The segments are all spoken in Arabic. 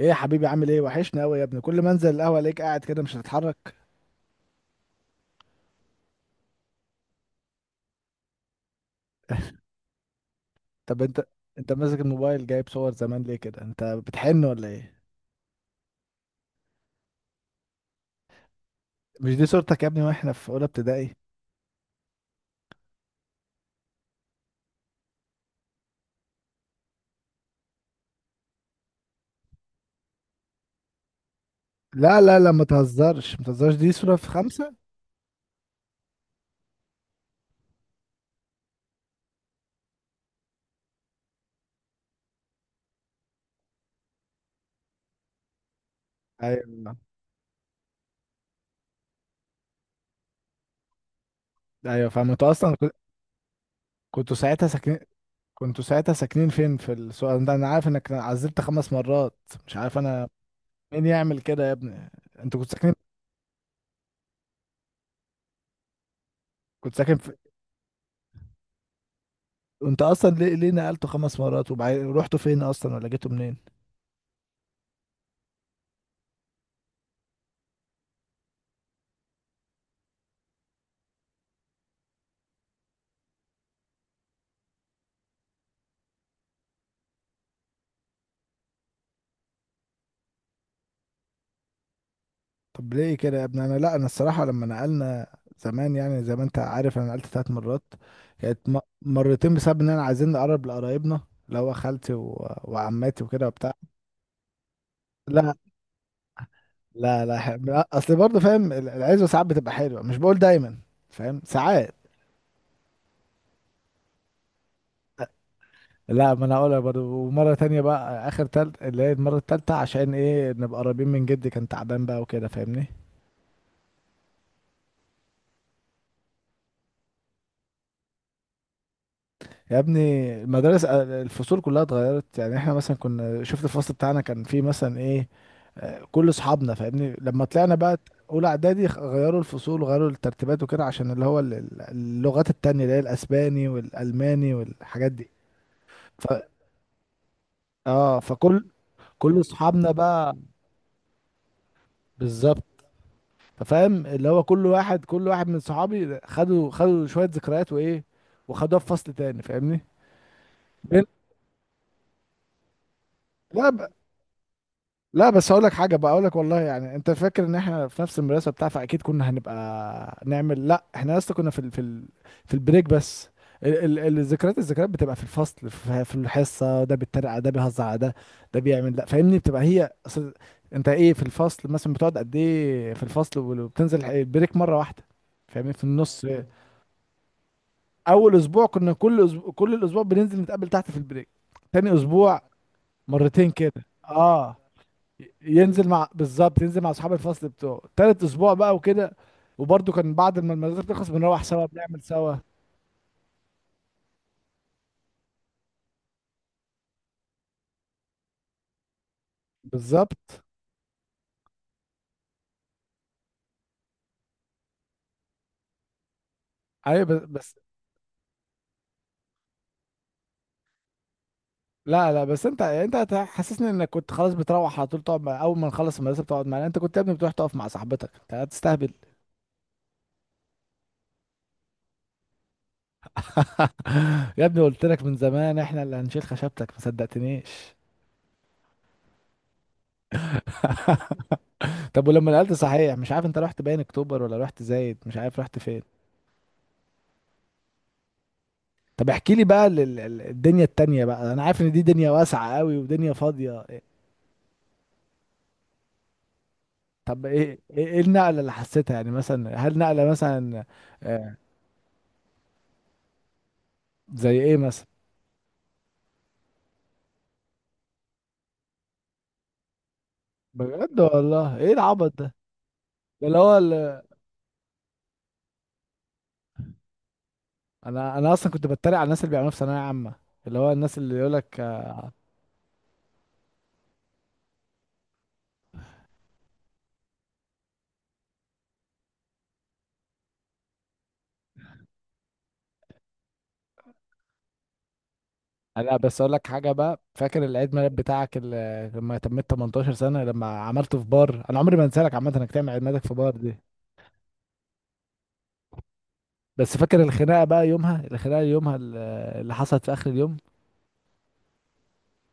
ايه يا حبيبي، عامل ايه؟ وحشني قوي يا ابني. كل ما انزل القهوه الاقيك قاعد كده مش هتتحرك. طب انت، انت ماسك الموبايل جايب صور زمان ليه كده؟ انت بتحن ولا ايه؟ مش دي صورتك يا ابني واحنا في اولى ابتدائي؟ لا لا لا، ما تهزرش ما تهزرش، دي صوره في خمسة. ايوه ايوه فاهم، انتوا اصلا كنتوا ساعتها ساكنين كنتوا ساعتها ساكنين فين؟ في السؤال ده انا عارف انك عزلت خمس مرات، مش عارف انا مين يعمل كده يا ابني. انت كنت ساكنين، كنت ساكن في، انت اصلا ليه نقلتوا خمس مرات؟ وبعدين رحتوا فين اصلا ولا جيتوا منين؟ طب ليه كده يا ابني؟ انا لا، انا الصراحه لما نقلنا زمان، يعني زي ما انت عارف انا نقلت ثلاث مرات، كانت مرتين بسبب ان انا عايزين نقرب لقرايبنا، اللي هو خالتي وعماتي وكده وبتاع. لا لا لا، لا اصل برضه فاهم العزوه ساعات بتبقى حلوه، مش بقول دايما فاهم، ساعات. لا ما انا هقولها برضه، ومره تانية بقى اخر تالت، اللي هي المره التالتة، عشان ايه؟ نبقى قريبين من جدي، كان تعبان بقى وكده فاهمني. يا ابني المدارس الفصول كلها اتغيرت. يعني احنا مثلا كنا شفت الفصل بتاعنا كان فيه مثلا ايه؟ كل اصحابنا فاهمني. لما طلعنا بقى اولى اعدادي غيروا الفصول وغيروا الترتيبات وكده عشان اللي هو اللغات التانية، اللي هي الاسباني والالماني والحاجات دي. ف اه فكل كل اصحابنا بقى بالظبط. ففاهم اللي هو كل واحد، من صحابي خدوا شوية ذكريات وايه، وخدوها في فصل تاني فاهمني. بين- لا لا، بس هقول لك حاجه بقى، اقول لك والله، يعني انت فاكر ان احنا في نفس المدرسه بتاع فاكيد كنا هنبقى نعمل؟ لا، احنا لسه كنا في في البريك بس. الذكريات، بتبقى في الفصل، في الحصه، ده بيتريق على ده، بيهزر على ده، ده بيعمل، لا فاهمني، بتبقى هي اصل. انت ايه، في الفصل مثلا بتقعد قد ايه؟ في الفصل وبتنزل البريك مره واحده فاهمني، في النص. اول اسبوع كنا كل أسبوع، كل الاسبوع بننزل نتقابل تحت في البريك. تاني اسبوع مرتين كده. اه، ينزل مع، بالظبط، ينزل مع اصحاب الفصل بتوعه. تالت اسبوع بقى وكده، وبرده كان بعد ما المدرسه بتخلص بنروح سوا، بنعمل سوا. بالظبط. ايوه، بس، لا لا، بس انت، حسسني انك كنت خلاص بتروح على طول تقعد مع، اول ما نخلص المدرسه بتقعد معانا؟ انت كنت يا ابني بتروح تقف مع صاحبتك، انت هتستهبل. يا ابني قلت لك من زمان احنا اللي هنشيل خشبتك، ما صدقتنيش. طب ولما نقلت صحيح مش عارف، انت رحت باين اكتوبر ولا رحت زايد؟ مش عارف رحت فين. طب احكي لي بقى الدنيا التانية بقى، انا عارف ان دي دنيا واسعة قوي ودنيا فاضية إيه. طب ايه، إيه النقلة اللي حسيتها يعني؟ مثلا هل نقلة مثلا آه، زي ايه مثلا؟ بجد والله، ايه العبط ده؟ ده اللي هو انا اصلا كنت بتريق على الناس اللي بيعملوها في ثانوية عامة، اللي هو الناس اللي يقول لك. انا بس اقول لك حاجة بقى، فاكر العيد ميلاد بتاعك اللي لما تميت 18 سنة لما عملته في بار؟ انا عمري ما انسى لك عامة انك تعمل عيد ميلادك في بار دي. بس فاكر الخناقة بقى يومها؟ الخناقة يومها اللي حصلت في اخر اليوم.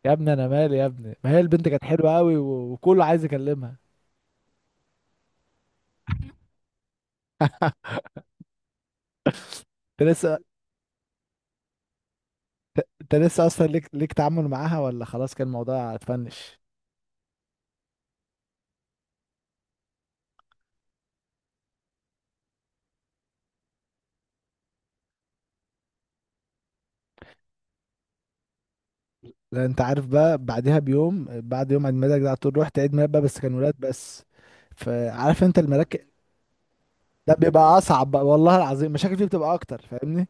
يا ابني انا مالي يا ابني، ما هي البنت كانت حلوه قوي وكله عايز يكلمها. انت لسه انت لسه اصلا ليك تعامل معاها، ولا خلاص كان الموضوع اتفنش؟ لا انت عارف بقى بعدها بيوم، بعد يوم عيد ميلادك ده على طول رحت عيد ميلاد بقى، بس كان ولاد بس. فعارف انت المراكب؟ ده بيبقى اصعب بقى والله العظيم، مشاكل فيه بتبقى اكتر فاهمني.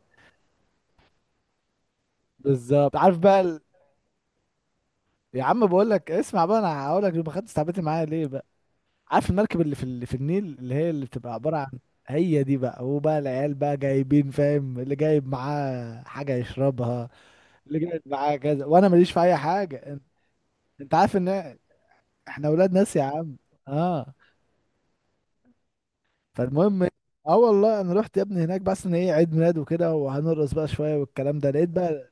بالظبط. عارف بقى يا عم بقول لك، اسمع بقى، انا هقول لك ما خدتش تعبتي معايا ليه بقى. عارف المركب اللي في النيل اللي هي اللي بتبقى عبارة عن، هي دي بقى. هو بقى العيال بقى جايبين فاهم، اللي جايب معاه حاجة يشربها، اللي جايب معاه كذا، وانا ماليش في اي حاجة. انت، أنت عارف ان احنا اولاد ناس يا عم. اه. فالمهم، اه والله انا رحت يا ابني هناك بس ان ايه، عيد ميلاد وكده وهنرقص بقى شوية والكلام ده، لقيت بقى.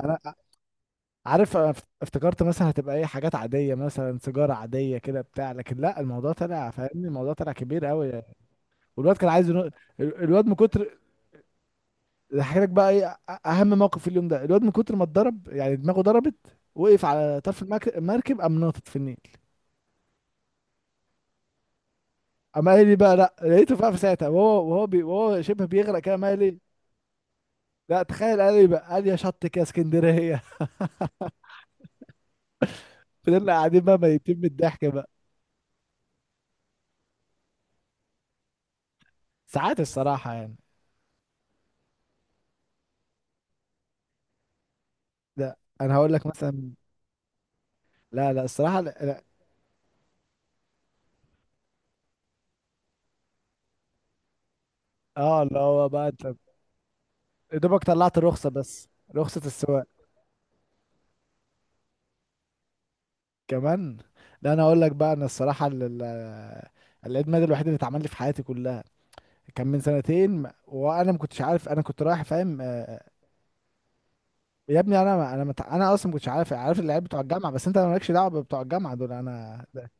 انا عارف، أنا افتكرت مثلا هتبقى ايه، حاجات عادية مثلا سيجارة عادية كده بتاع، لكن لا الموضوع طلع فاهمني، الموضوع طلع كبير قوي يعني. والواد كان عايز الواد من كتر، هحكي لك بقى ايه اهم موقف في اليوم ده. الواد من كتر ما اتضرب يعني دماغه ضربت، وقف على طرف المركب، قام ناطط في النيل. قام قال لي بقى، لا لقيته بقى في ساعتها وهو، وهو بي وهو شبه بيغرق كده قام قال لي. لا تخيل، قال لي بقى، قال لي يا شط كده اسكندريه. فضلنا قاعدين بقى ميتين من الضحك بقى. ساعات الصراحه يعني. لا انا هقول لك مثلا، لا لا الصراحه لا، لا. اه اللي هو بقى انت، يا دوبك طلعت الرخصه بس، رخصه السواق، كمان. لا انا هقول لك بقى، انا الصراحه العيد ميلاد الوحيد اللي اتعمل لي في حياتي كلها كان من سنتين، وانا ما كنتش عارف، انا كنت رايح فاهم يا ابني انا ما، انا اصلا ما كنتش عارف، عارف العيال بتوع الجامعه بس انت مالكش دعوه بتوع الجامعه دول انا ده.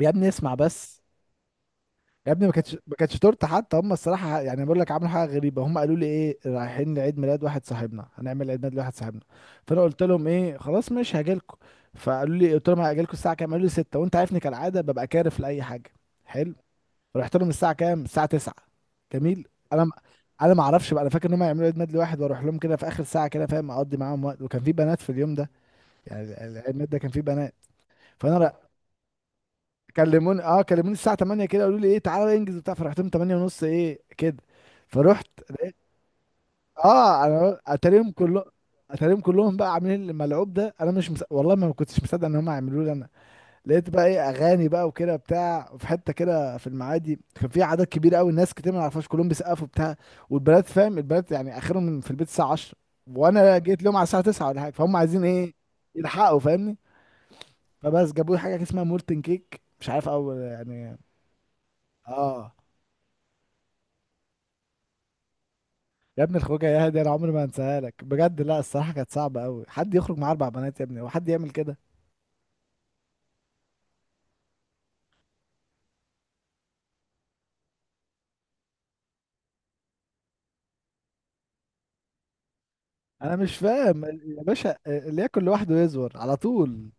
يا ابني اسمع بس، يا ابني ما كانتش، تورته حتى هم الصراحه يعني، بقول لك عملوا حاجه غريبه، هم قالوا لي ايه، رايحين لعيد ميلاد واحد صاحبنا، هنعمل عيد ميلاد لواحد صاحبنا. فانا قلت لهم ايه، خلاص ماشي هاجي لكم. فقالوا لي، قلت لهم هاجي لكم الساعه كام؟ قالوا لي 6، وانت عارفني كالعاده ببقى كارف لاي حاجه. حلو، رحت لهم الساعه كام؟ الساعه 9. جميل. انا م- انا ما اعرفش بقى انا فاكر ان هم يعملوا عيد ميلاد لواحد واروح لهم كده في اخر ساعه كده فاهم، اقضي معاهم وقت، وكان في بنات في اليوم ده، يعني العيد ميلاد ده كان في بنات. فانا ر- كلموني، اه كلموني الساعه 8 كده، قالوا لي ايه تعالى انجز وبتاع، فرحت لهم 8 ونص ايه كده. فرحت لقيت، اه انا اتاريهم كلهم، اتاريهم كلهم بقى عاملين الملعوب ده. انا مش والله ما كنتش مصدق ان هم هيعملوا لي انا. لقيت بقى ايه، اغاني بقى وكده بتاع في حته كده في المعادي، كان في عدد كبير قوي، الناس كتير ما نعرفهاش، كلهم بيسقفوا بتاع. والبنات فاهم البنات يعني اخرهم في البيت الساعه 10، وانا جيت لهم على الساعه 9 ولا حاجه، فهم عايزين ايه؟ يلحقوا فاهمني. فبس جابوا لي حاجه اسمها مولتن كيك، مش عارف اول يعني. اه، يا ابني الخروجه يا هادي انا عمري ما هنساها لك بجد. لا الصراحه كانت صعبه قوي، حد يخرج مع اربع بنات يا ابني وحد يعمل كده؟ انا مش فاهم يا باشا، اللي ياكل لوحده يزور على طول،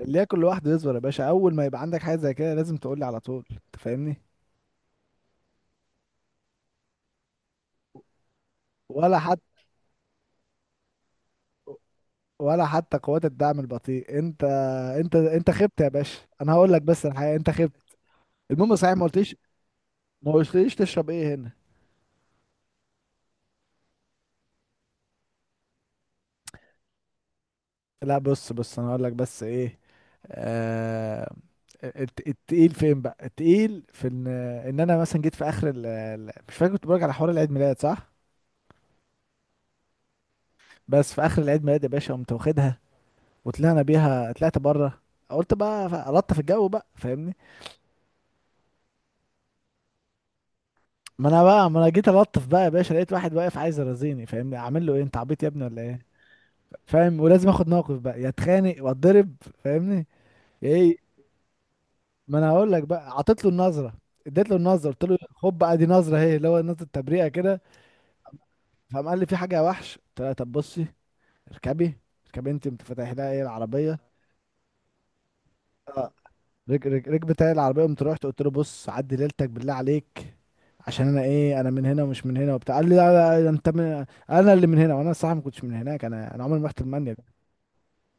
اللي ياكل لوحده يصبر يا باشا، اول ما يبقى عندك حاجه زي كده لازم تقول لي على طول انت فاهمني. ولا حتى، قوات الدعم البطيء. انت انت خبت يا باشا، انا هقول لك بس الحقيقه، انت خبت. المهم صحيح ما قلتليش، تشرب ايه هنا؟ لا بص، انا هقول لك بس ايه. آه... التقيل فين بقى؟ التقيل في ان، انا مثلا جيت في اخر مش فاكر، كنت بقولك على حوار العيد ميلاد صح. بس في اخر العيد ميلاد يا باشا قمت واخدها وطلعنا بيها، طلعت بره قلت بقى لطف الجو بقى فاهمني. ما انا بقى، ما انا جيت الطف بقى يا باشا، لقيت واحد واقف عايز يرازيني فاهمني، اعمل له ايه؟ انت عبيط يا ابني ولا ايه؟ فاهم، ولازم اخد موقف بقى، يا اتخانق واتضرب فاهمني. ايه، ما انا هقول لك بقى، عطيت له النظره، اديت له النظره، قلت له خد بقى دي نظره اهي، اللي هو نظره تبريئه كده. فقام قال لي في حاجه يا وحش، قلت له طب بصي اركبي، انت، انت فاتح لها ايه العربيه. ركبت علي العربيه، قمت رحت قلت له بص عدي ليلتك بالله عليك، عشان انا ايه، انا من هنا ومش من هنا وبتاع، قال لي لا لا لا، انت من انا اللي من هنا، وانا الصراحه ما كنتش من هناك، انا عمري ما رحت المانيا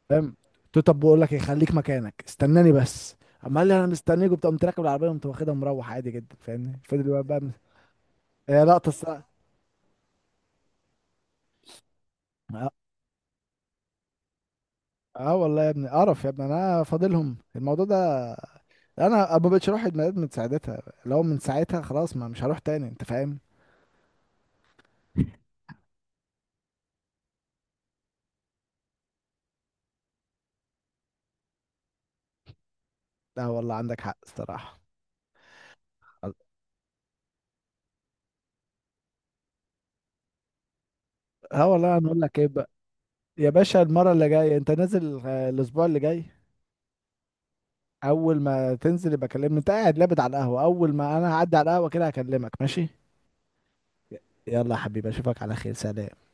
فاهم. قلت له طب بقول لك ايه، خليك مكانك استناني بس. اما قال لي انا مستنيك وبتاع، قمت راكب العربيه قمت واخدها مروح عادي جدا فاهمني. فضل بقى هي لقطه الصراحه. اه، آه والله يا ابني قرف، يا ابني انا فاضلهم الموضوع ده، انا ما بقتش اروح عيد ميلاد من ساعتها. لو من ساعتها خلاص ما مش هروح تاني، انت فاهم. لا والله عندك حق الصراحه. اه والله انا اقول لك ايه بقى، يا باشا المره اللي جايه انت نازل الاسبوع اللي جاي، اول ما تنزل يبقى كلمني، انت قاعد لابد على القهوه، اول ما انا هعدي على القهوه كده هكلمك ماشي؟ يلا يا حبيبي اشوفك على خير، سلام.